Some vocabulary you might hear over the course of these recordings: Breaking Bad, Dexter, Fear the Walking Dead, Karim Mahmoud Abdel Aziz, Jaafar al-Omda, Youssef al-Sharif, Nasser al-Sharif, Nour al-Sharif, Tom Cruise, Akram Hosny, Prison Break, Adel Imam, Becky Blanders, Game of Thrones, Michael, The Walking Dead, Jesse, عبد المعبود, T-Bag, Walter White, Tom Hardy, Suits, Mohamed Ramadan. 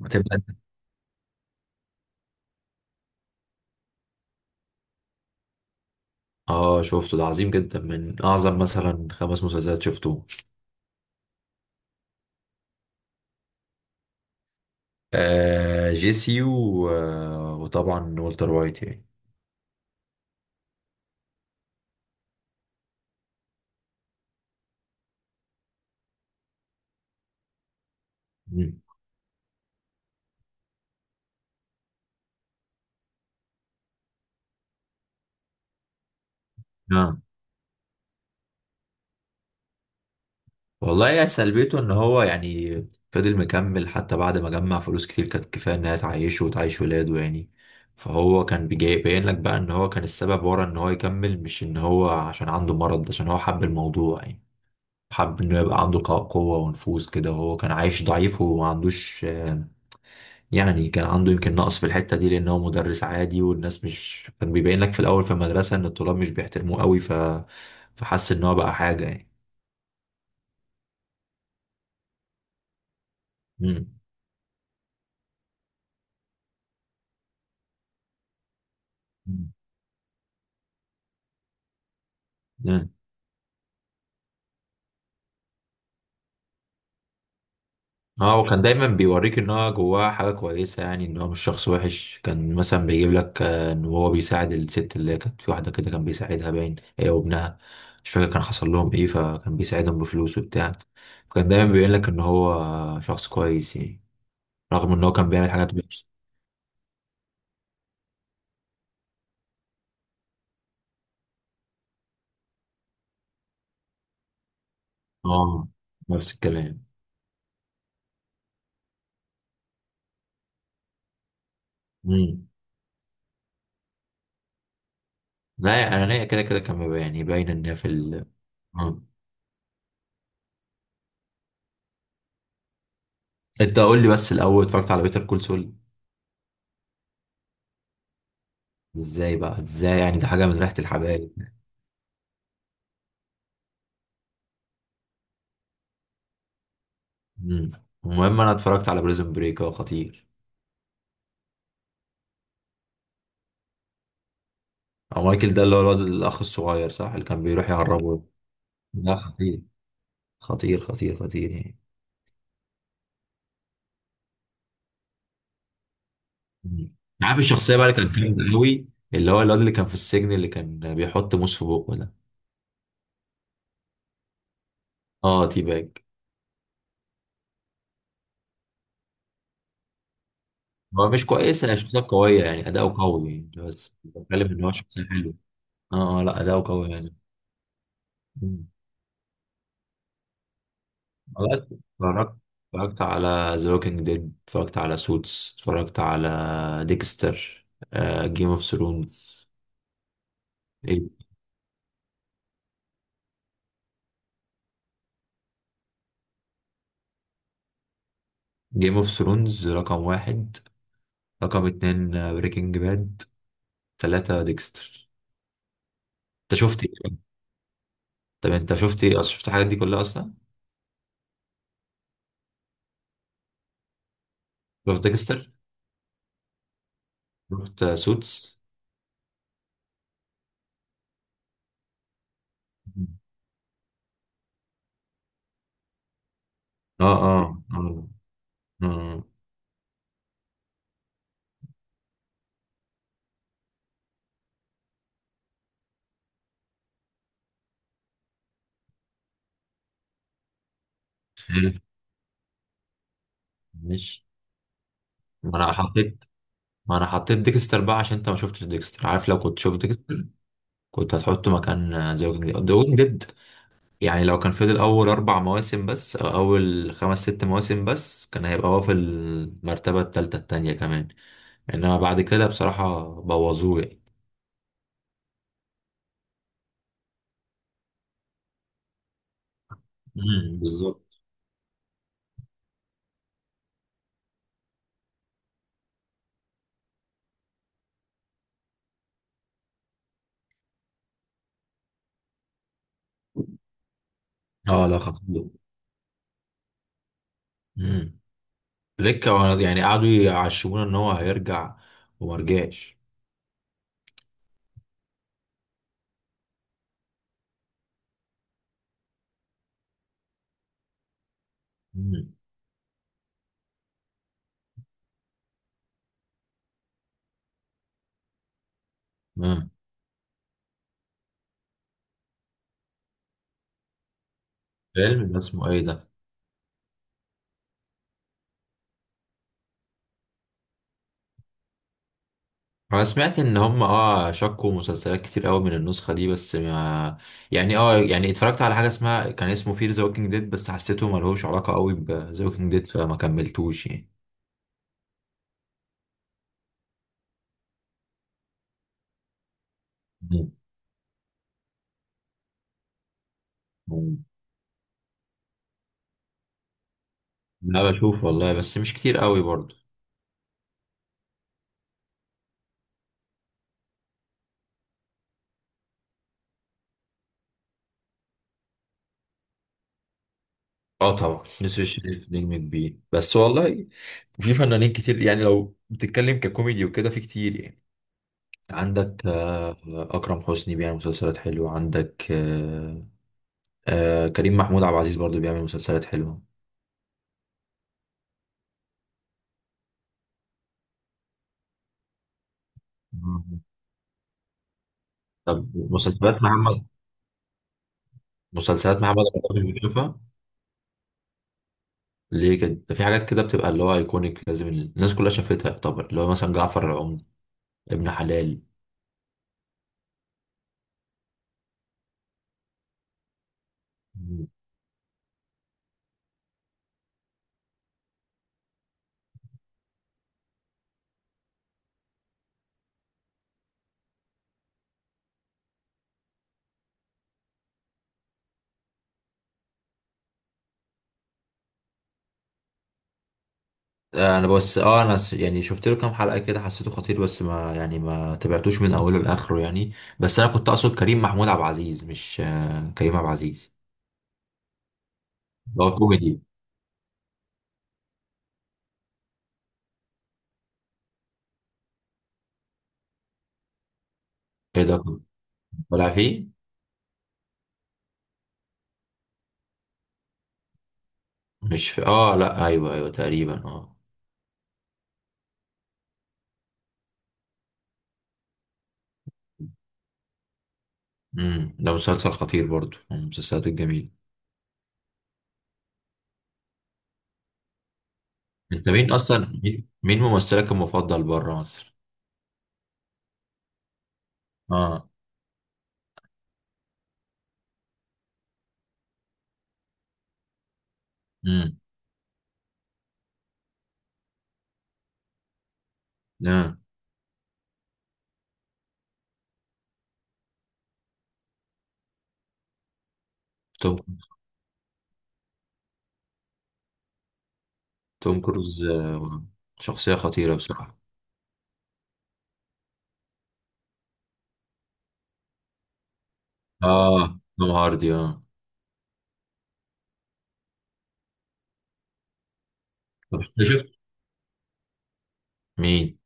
هتبقى. اه، شفته ده عظيم جدا من اعظم مثلا خمس مسلسلات شفتهم. جيسي و وطبعا والتر وايت يعني. مم. آه. والله يا سلبيته ان هو يعني فضل مكمل حتى بعد ما جمع فلوس كتير كانت كفايه انها تعيشه وتعيش ولاده يعني. فهو باين لك بقى ان هو كان السبب ورا ان هو يكمل، مش ان هو عشان عنده مرض، عشان هو حب الموضوع يعني. حب انه يبقى عنده قوة ونفوذ كده، وهو كان عايش ضعيف وما عندوش. يعني كان عنده يمكن نقص في الحتة دي، لأن هو مدرس عادي والناس مش كان بيبين لك في الأول في المدرسة إن الطلاب مش بيحترموه قوي فحس إن هو بقى حاجة يعني. مم. مم. اه، وكان دايما بيوريك ان هو جواه حاجه كويسه يعني، ان هو مش شخص وحش. كان مثلا بيجيب لك، ان هو بيساعد الست اللي كانت في واحده كده كان بيساعدها باين، هي وابنها. مش فاكر كان حصل لهم ايه، فكان بيساعدهم بفلوس وبتاع. فكان دايما بيبين لك ان هو شخص كويس يعني، رغم ان هو كان بيعمل حاجات وحشه. اه، نفس الكلام. مم. لا، يا انانيه كده كده كان بيبقى يعني باينه ان هي في ال... آه. انت قول لي بس الاول، اتفرجت على بيتر كول سول؟ ازاي بقى؟ ازاي يعني؟ ده حاجه من ريحه الحبايب. مم. المهم انا اتفرجت على بريزون بريك، هو خطير. او مايكل، ده اللي هو الواد الاخ الصغير صح، اللي كان بيروح يهربه؟ لا، خطير خطير خطير خطير يعني. مم. عارف الشخصيه بقى اللي كان جامد قوي، اللي هو الواد اللي كان في السجن اللي كان بيحط موس في بقه ده؟ اه، تي باج. هو مش كويسة، هي شخصية قوية يعني، أداؤه قوي يعني، بس بتكلم إن هو شخصية حلوة. آه، لا أداؤه قوي يعني. مم. والله، اتفرجت اتفرجت على ذا ووكينج ديد، اتفرجت على سوتس، اتفرجت على ديكستر، جيم اوف ثرونز. جيم اوف ثرونز رقم واحد، رقم اتنين بريكنج باد، تلاتة ديكستر. انت شفت ايه؟ طب انت شفت ايه اصلا؟ شفت الحاجات دي كلها اصلا؟ شفت ديكستر؟ شفت سوتس؟ اه اه اه. آه. آه. مش... ما انا حطيت ما انا حطيت ديكستر بقى عشان انت ما شفتش ديكستر، عارف؟ لو كنت شفت ديكستر كنت هتحطه مكان ذا ووكينج ديد. ذا ووكينج ديد يعني لو كان فضل اول اربع مواسم بس او اول خمس ست مواسم بس كان هيبقى هو في المرتبه الثالثه التانية كمان، انما بعد كده بصراحه بوظوه يعني. امم، بالظبط. اه لا خطير. امم. يعني قعدوا يعشمونا ان هو هيرجع وما رجعش. امم. امم. فيلم ده اسمه ايه ده؟ انا سمعت ان هم اه شكوا مسلسلات كتير قوي من النسخه دي، بس ما... يعني اه يعني اتفرجت على حاجه اسمها، كان اسمه فير ذا ووكينج ديد، بس حسيته ملهوش علاقه قوي بذا ووكينج ديد فما كملتوش يعني. مم. مم. لا بشوف والله، بس مش كتير قوي برضه. اه طبعا نسر الشريف نجم كبير، بس والله في فنانين كتير يعني. لو بتتكلم ككوميدي وكده في كتير يعني. عندك أكرم حسني بيعمل مسلسلات حلوة، عندك كريم محمود عبد العزيز برضه بيعمل مسلسلات حلوة. طب مسلسلات مسلسلات محمد رمضان اللي بنشوفها؟ ليه كده؟ ده في حاجات كده بتبقى اللي هو ايكونيك، لازم الناس كلها شافتها. يعتبر اللي هو مثلا جعفر العمدة، ابن حلال. انا بس يعني شفت له كام حلقة كده حسيته خطير، بس ما يعني ما تابعتوش من اوله لاخره يعني. بس انا كنت اقصد كريم محمود عبد العزيز، مش كريم عبد العزيز. اللي هو كوميدي. ايه ده، طلع فيه؟ مش في اه لا، ايوه ايوه تقريبا اه. امم، ده مسلسل خطير برضو من المسلسلات الجميلة. انت مين اصلا، مين، مين ممثلك المفضل بره مصر؟ اه. امم. آه. توم توم كروز. شخصيه خطيره بصراحه. اه توم هاردي اه. طب انت شفت مين؟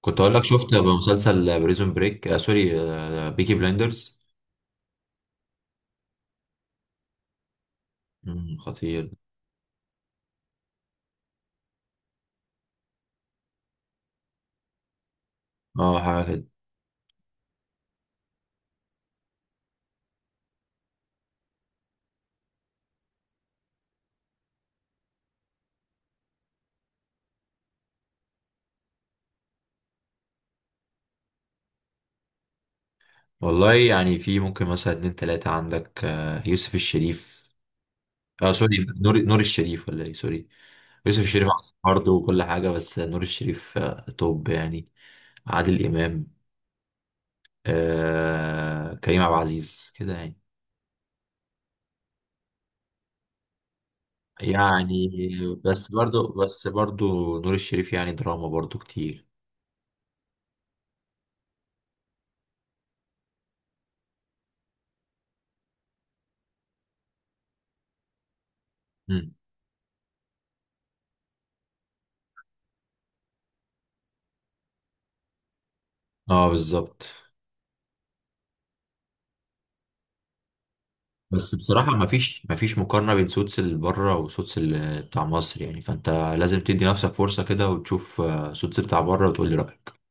كنت اقول لك شفت مسلسل بريزون بريك، آه سوري آه بيكي بلاندرز؟ امم، خطير. اه حاجه كده. والله يعني في ممكن مثلا اتنين تلاته. عندك آه، يوسف الشريف. اه سوري، نور الشريف ولا ايه، سوري. يوسف الشريف برضه وكل حاجه، بس نور الشريف آه، توب يعني. عادل إمام، آه كريم عبد العزيز كده يعني. يعني بس برضو نور الشريف يعني دراما برضو كتير. مم. اه بالظبط. بس بصراحة مفيش، مفيش مقارنة بين سوتس اللي بره وسوتس اللي بتاع مصر يعني. فانت لازم تدي نفسك فرصة كده وتشوف سوتس بتاع بره وتقول لي رأيك.